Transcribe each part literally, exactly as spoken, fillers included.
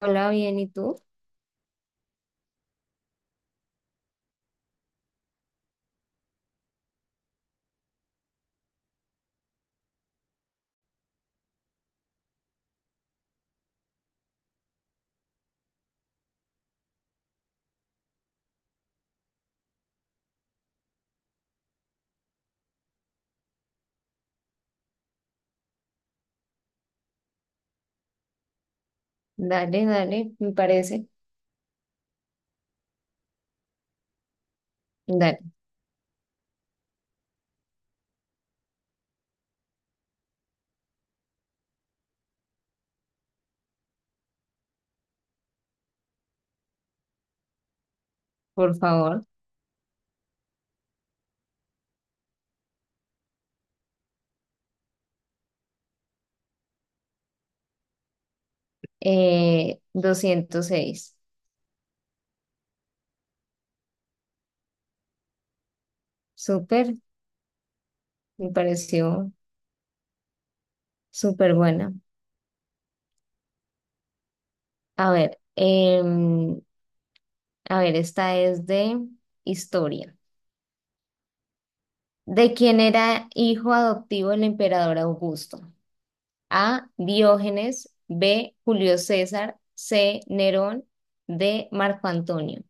Hola, bien, ¿y tú? Dale, dale, me parece. Dale, por favor. Eh, doscientos seis. Súper, me pareció súper buena. A ver, em, a ver, esta es de historia. ¿De quién era hijo adoptivo el emperador Augusto? A. Diógenes. B. Julio César. C. Nerón. D. Marco Antonio.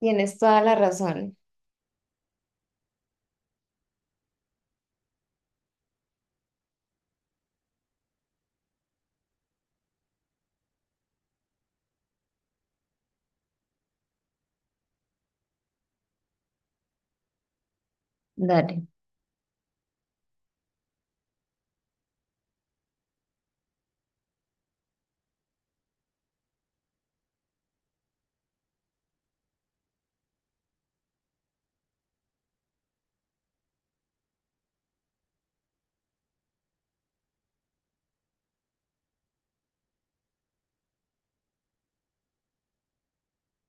Tienes toda la razón. Dale.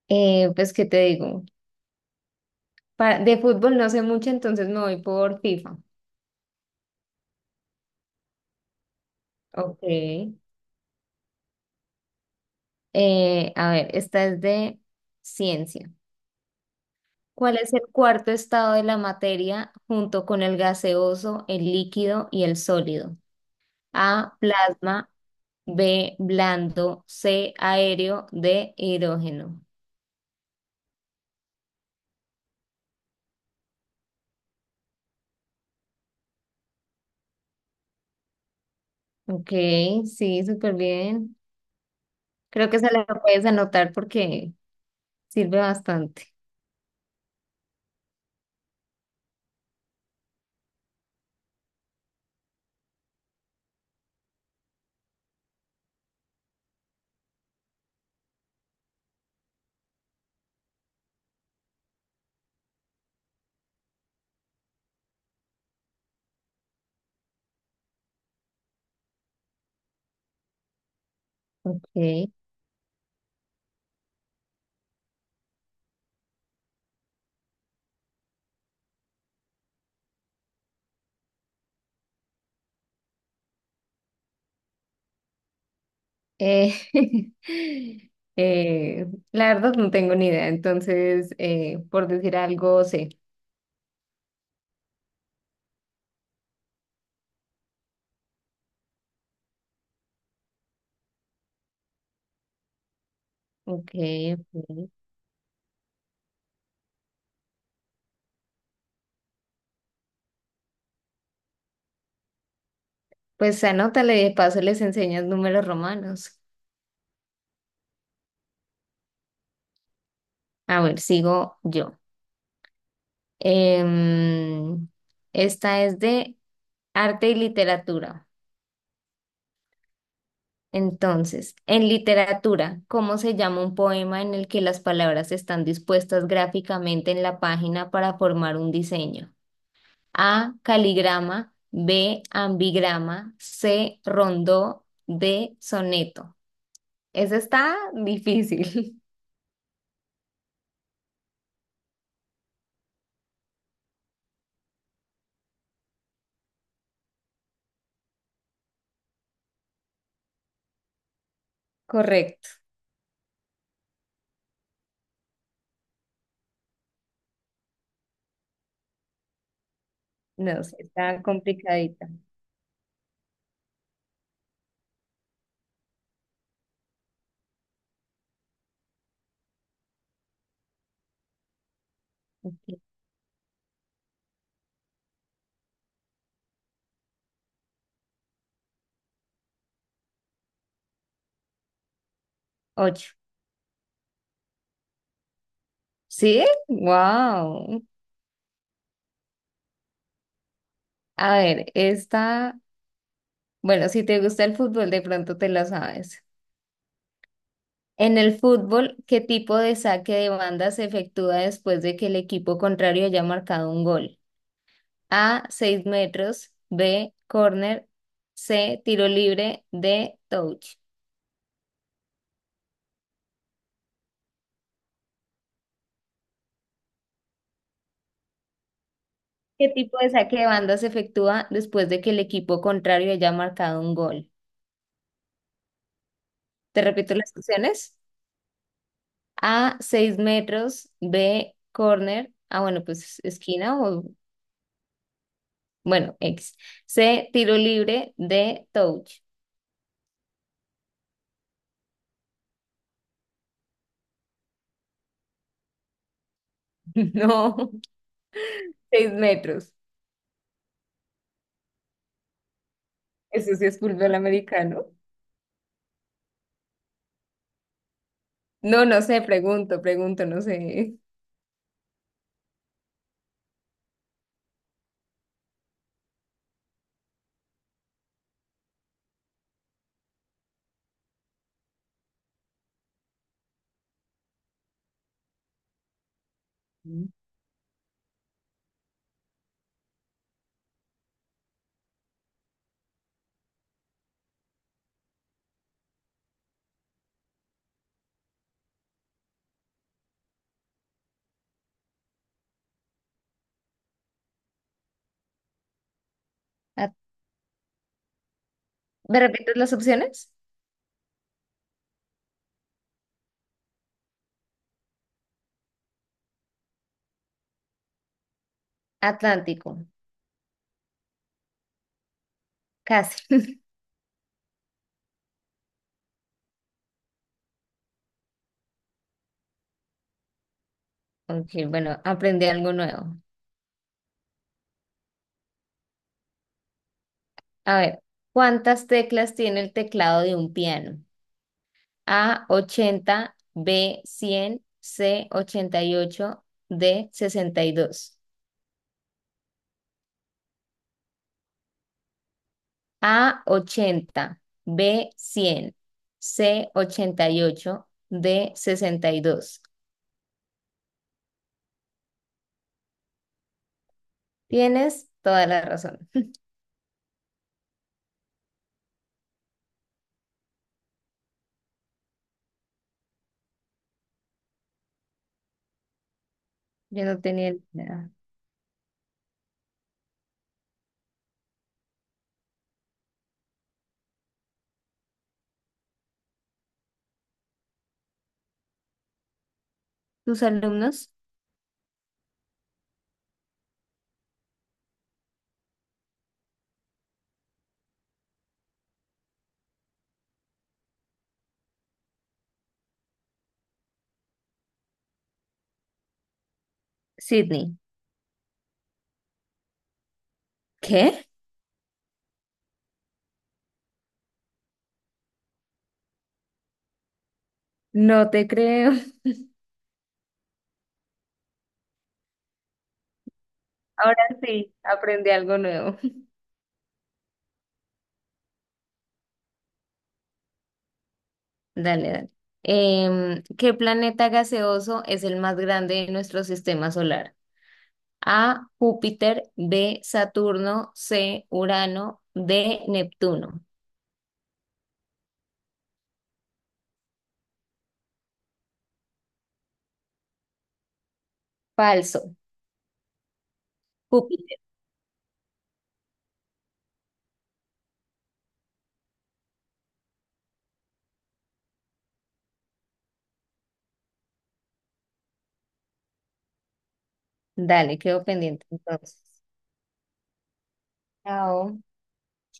Eh, pues, ¿qué te digo? Pa- de fútbol no sé mucho, entonces me voy por FIFA. Ok. Eh, a ver, esta es de ciencia. ¿Cuál es el cuarto estado de la materia junto con el gaseoso, el líquido y el sólido? A, plasma, B, blando, C, aéreo, D, hidrógeno. Ok, sí, súper bien. Creo que esa la puedes anotar porque sirve bastante. Ok. Eh, eh, la verdad no tengo ni idea. Entonces, eh, por decir algo, sé. Ok, ok. Pues anótale, de paso les enseñas números romanos. A ver, sigo yo. Em, Esta es de arte y literatura. Entonces, en literatura, ¿cómo se llama un poema en el que las palabras están dispuestas gráficamente en la página para formar un diseño? A, caligrama, B, ambigrama, C, rondó, D, soneto. Esa está difícil. Correcto. No, sí, está complicadita. Ok. Ocho. ¿Sí? Wow. A ver, esta, bueno, si te gusta el fútbol, de pronto te la sabes. En el fútbol, ¿qué tipo de saque de banda se efectúa después de que el equipo contrario haya marcado un gol? A, seis metros. B, corner. C, tiro libre. D, touch. ¿Qué tipo de saque de banda se efectúa después de que el equipo contrario haya marcado un gol? Te repito las opciones. A, seis metros. B, corner. Ah, bueno, pues esquina o, bueno, X. C, tiro libre. D, touch. No, seis metros. Eso sí es fútbol americano. No, no sé, pregunto, pregunto, no sé. Mm. Ah, ¿me repites las opciones? Atlántico, casi. Ok, bueno, aprendí algo nuevo. A ver, ¿cuántas teclas tiene el teclado de un piano? A, ochenta, B, cien, C, ochenta y ocho, D, sesenta y dos. A, ochenta, B, cien, C, ochenta y ocho, D, sesenta y dos. Tienes toda la razón. Yo no tenía ni idea. ¿Tus alumnos? Sydney. ¿Qué? No te creo. Ahora sí, aprendí algo nuevo. Dale, dale. Em, ¿qué planeta gaseoso es el más grande de nuestro sistema solar? A, Júpiter, B, Saturno, C, Urano, D, Neptuno. Falso. Júpiter. Dale, quedo pendiente entonces. Chao.